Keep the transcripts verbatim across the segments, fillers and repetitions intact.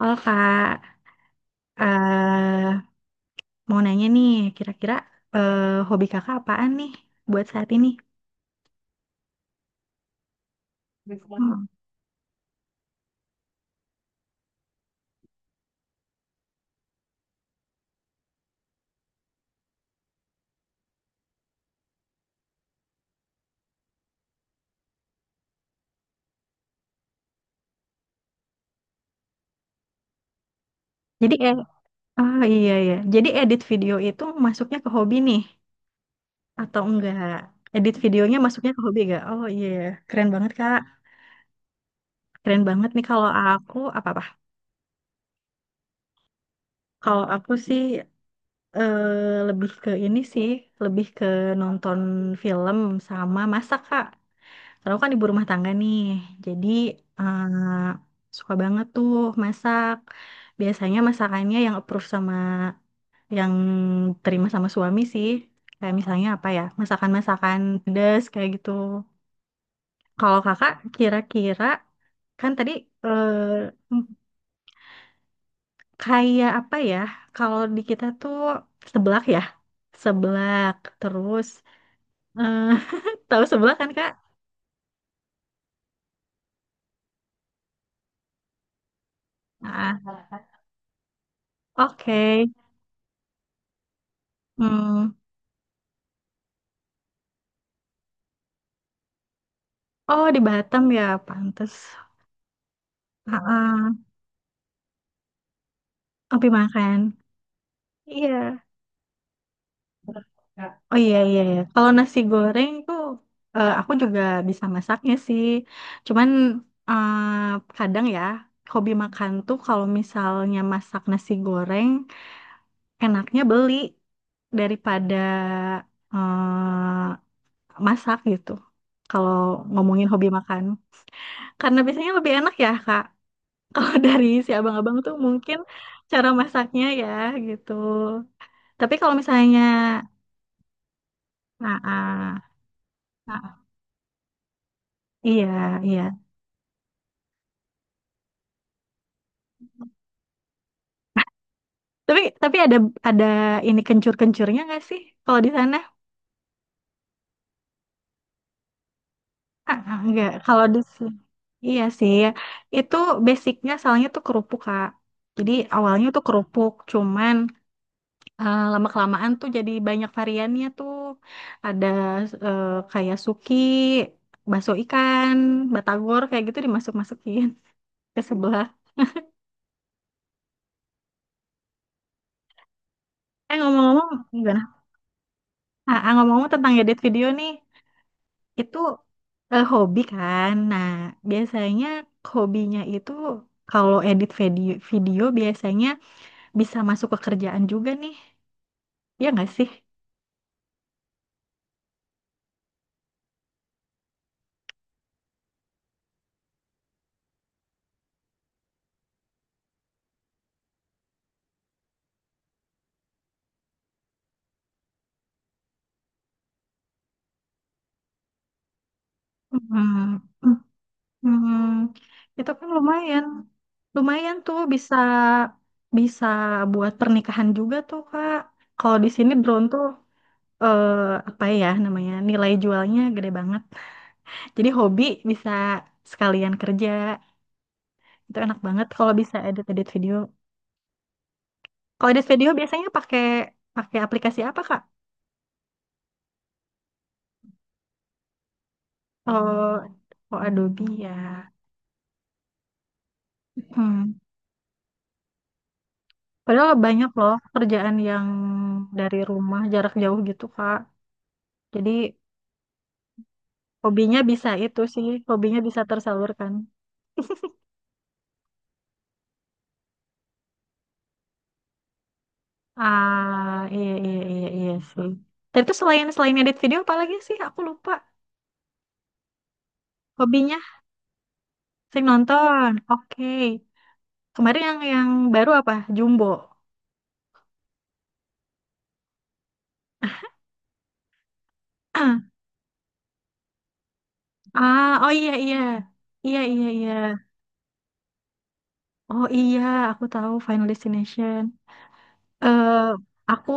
Oh kak, eh mau nanya nih, kira-kira eh, hobi kakak apaan nih buat saat ini? Hmm. Jadi eh, oh iya ya, jadi edit video itu masuknya ke hobi nih atau enggak? Edit videonya masuknya ke hobi enggak? Oh iya, iya. Keren banget kak, keren banget nih kalau aku apa apa? Kalau aku sih eh, lebih ke ini sih, lebih ke nonton film sama masak kak. Kalau aku kan ibu rumah tangga nih, jadi eh, suka banget tuh masak. Biasanya masakannya yang approve sama yang terima sama suami sih. Kayak misalnya apa ya, masakan-masakan pedas kayak gitu. Kalau kakak kira-kira kan tadi eh, m- kayak apa ya? Kalau di kita tuh seblak ya, seblak terus eh, tahu seblak kan kak? Ah, oke. Hmm. Oh, di Batam ya, pantes. Heeh, ngopi makan. Iya. Oh iya iya iya. Kalau nasi goreng tuh eh, aku juga bisa masaknya sih. Cuman eh, kadang ya hobi makan tuh kalau misalnya masak nasi goreng enaknya beli daripada eh, masak gitu. Kalau ngomongin hobi makan. Karena biasanya lebih enak ya, Kak. Kalau dari si abang-abang tuh mungkin cara masaknya ya gitu. Tapi kalau misalnya, nah, ah, nah, ah. Iya, iya. Tapi tapi ada ada ini kencur-kencurnya nggak sih kalau di sana? Ah, ah, nggak. Kalau di sini, iya sih. Itu basicnya soalnya tuh kerupuk Kak. Jadi awalnya tuh kerupuk, cuman eh, lama-kelamaan tuh jadi banyak variannya tuh. Ada eh, kayak suki, bakso ikan, batagor kayak gitu dimasuk-masukin ke sebelah. Eh ngomong-ngomong, gimana? Ah, ah, ngomong-ngomong tentang edit video nih, itu eh, hobi kan. Nah, biasanya hobinya itu kalau edit video, video biasanya bisa masuk ke kerjaan juga nih. Ya nggak sih? Hmm. Hmm, itu kan lumayan, lumayan tuh bisa bisa buat pernikahan juga tuh Kak. Kalau di sini drone tuh eh, apa ya namanya nilai jualnya gede banget. Jadi hobi bisa sekalian kerja, itu enak banget kalau bisa edit-edit video. Kalau edit video biasanya pakai pakai aplikasi apa Kak? Oh, oh Adobe ya. Hmm. Padahal banyak loh kerjaan yang dari rumah jarak jauh gitu Kak. Jadi hobinya bisa itu sih, hobinya bisa tersalurkan. Ah, iya iya iya iya sih. Tapi itu selain selain edit video apa lagi sih? Aku lupa. Hobinya sering nonton. Oke. Kemarin yang yang baru apa? Jumbo. Ah, oh iya iya. Iya iya iya. Oh iya, aku tahu Final Destination. Eh, aku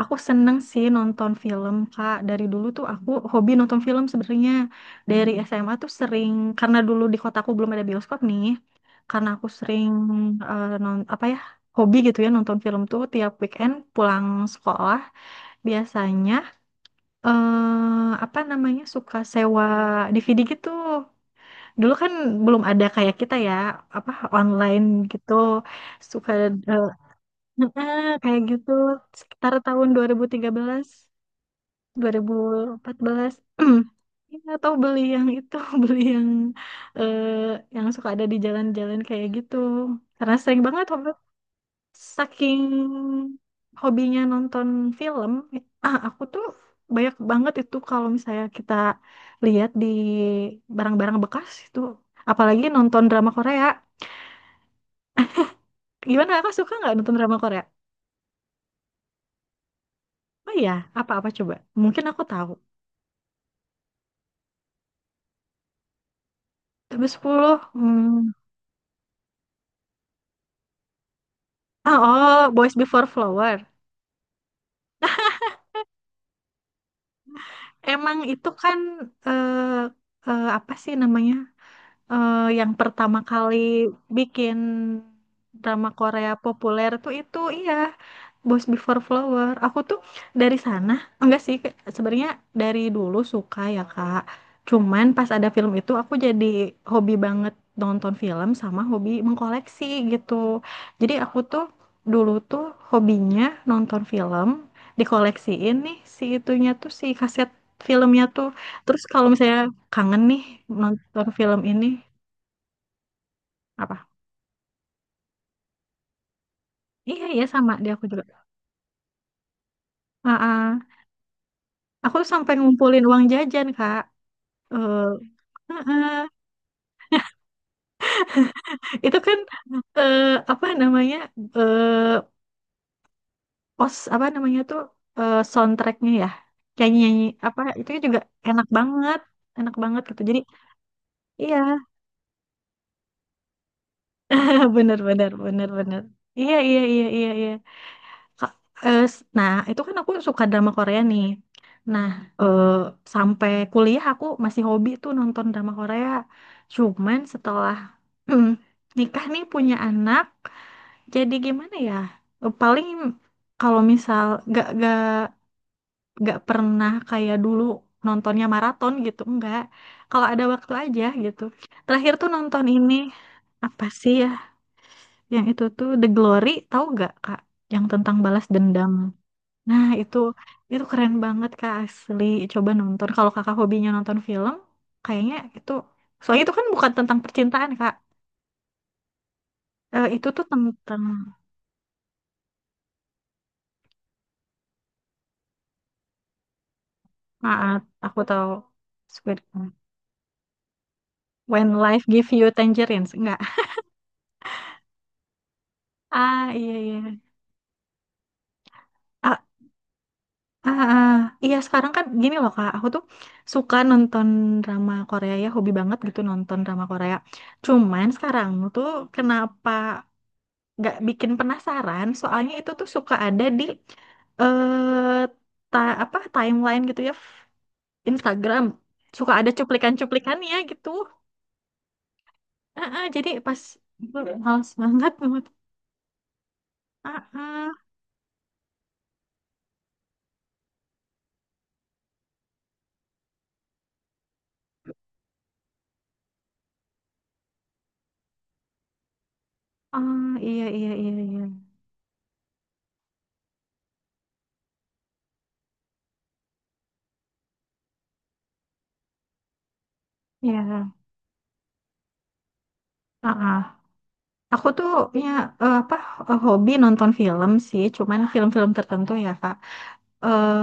aku seneng sih nonton film Kak. Dari dulu tuh aku hobi nonton film sebenarnya. Dari S M A tuh sering karena dulu di kotaku belum ada bioskop nih. Karena aku sering eh, non apa ya hobi gitu ya nonton film tuh tiap weekend pulang sekolah biasanya eh apa namanya suka sewa D V D gitu. Dulu kan belum ada kayak kita ya apa online gitu suka eh, Heeh, kayak gitu sekitar tahun dua dua ribu ribu tiga belas dua ribu empat belas. Ya, atau beli yang itu, beli yang eh, yang suka ada di jalan-jalan kayak gitu. Karena sering banget hobi, saking hobinya nonton film. Ah, aku tuh banyak banget itu kalau misalnya kita lihat di barang-barang bekas itu, apalagi nonton drama Korea. Gimana kakak suka nggak nonton drama Korea? Oh iya, apa-apa coba. Mungkin aku tahu. Sampai sepuluh. Hmm. Ah, oh, Boys Before Flower. Emang itu kan eh, eh, apa sih namanya? Eh, yang pertama kali bikin drama Korea populer tuh itu iya. Boys Before Flower. Aku tuh dari sana, enggak sih, ke- sebenarnya dari dulu suka ya, Kak. Cuman pas ada film itu aku jadi hobi banget nonton film sama hobi mengkoleksi gitu. Jadi aku tuh dulu tuh hobinya nonton film, dikoleksiin nih si itunya tuh si kaset filmnya tuh. Terus kalau misalnya kangen nih nonton film ini apa? Iya, iya sama dia aku juga. Ah, ah. Aku tuh sampai ngumpulin uang jajan, Kak. Eh, Heeh. Itu kan eh, apa namanya eh pos apa namanya tuh eh, soundtracknya ya, nyanyi-nyanyi apa itu kan juga enak banget enak banget gitu jadi iya. Bener bener bener bener, iya iya iya iya iya. Ka- eh, s- nah itu kan aku suka drama Korea nih, nah eh, sampai kuliah aku masih hobi tuh nonton drama Korea cuman setelah nikah nih punya anak jadi gimana ya paling kalau misal gak gak gak pernah kayak dulu nontonnya maraton gitu enggak, kalau ada waktu aja gitu. Terakhir tuh nonton ini apa sih ya, yang itu tuh The Glory, tahu gak Kak, yang tentang balas dendam, nah itu itu keren banget Kak asli. Coba nonton kalau Kakak hobinya nonton film, kayaknya itu soalnya itu kan bukan tentang percintaan Kak. Eh, itu tuh tentang, maaf aku tahu Squid Game. When life give you tangerines, enggak. Ah, iya iya. Ah, ah, ah. Ah. Iya, sekarang kan gini loh Kak, aku tuh suka nonton drama Korea ya, hobi banget gitu nonton drama Korea. Cuman sekarang tuh kenapa nggak bikin penasaran? Soalnya itu tuh suka ada di eh ta apa timeline gitu ya, f- Instagram. Suka ada cuplikan-cuplikannya gitu. Ah, ah, jadi pas males banget, banget. Ah, ah. Ah, iya iya iya iya. Ya. Ah. Aku tuh punya eh, apa eh, hobi nonton film sih, cuman film-film tertentu ya Kak. eh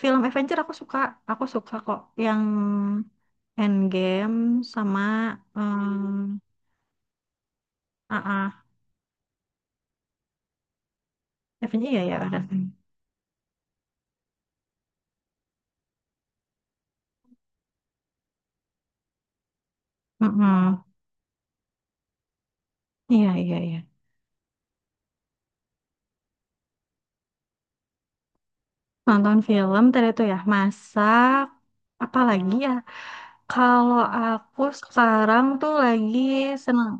Film Avenger aku suka, aku suka kok yang Endgame sama eh, ah ah, Avenger ya ya ada. Mm-mm. Iya iya iya. Nonton film tadi tuh ya masak apa lagi ya? Kalau aku sekarang tuh lagi seneng.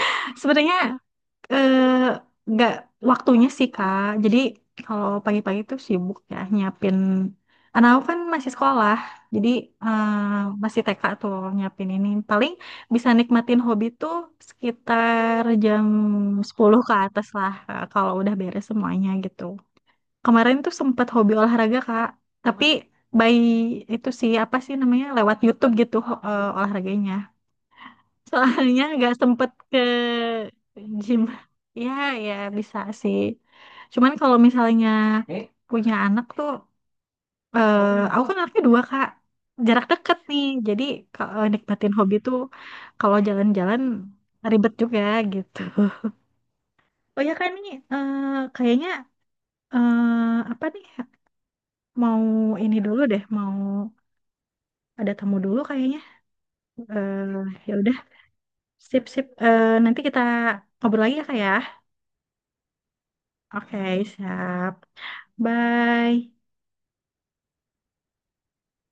Sebenarnya Eh, nggak waktunya sih Kak. Jadi kalau pagi-pagi tuh sibuk ya nyiapin. Anak aku kan masih sekolah, jadi eh, masih T K tuh nyiapin ini. Paling bisa nikmatin hobi tuh sekitar jam sepuluh ke atas lah Kak, kalau udah beres semuanya gitu. Kemarin tuh sempet hobi olahraga Kak, tapi by itu sih apa sih namanya lewat YouTube gitu ho- eh, olahraganya. Soalnya nggak sempet ke gym. Ya, ya bisa sih. Cuman kalau misalnya punya anak tuh, eh, aku kan anaknya dua Kak. Jarak deket nih. Jadi kalau nikmatin hobi tuh kalau jalan-jalan ribet juga gitu. Oh ya kan nih, eh, kayaknya eh, apa nih? Mau ini dulu deh, mau ada tamu dulu kayaknya. Eh, ya udah, sip sip. Eh, nanti kita ngobrol lagi ya Kak ya. Oke, siap. Bye.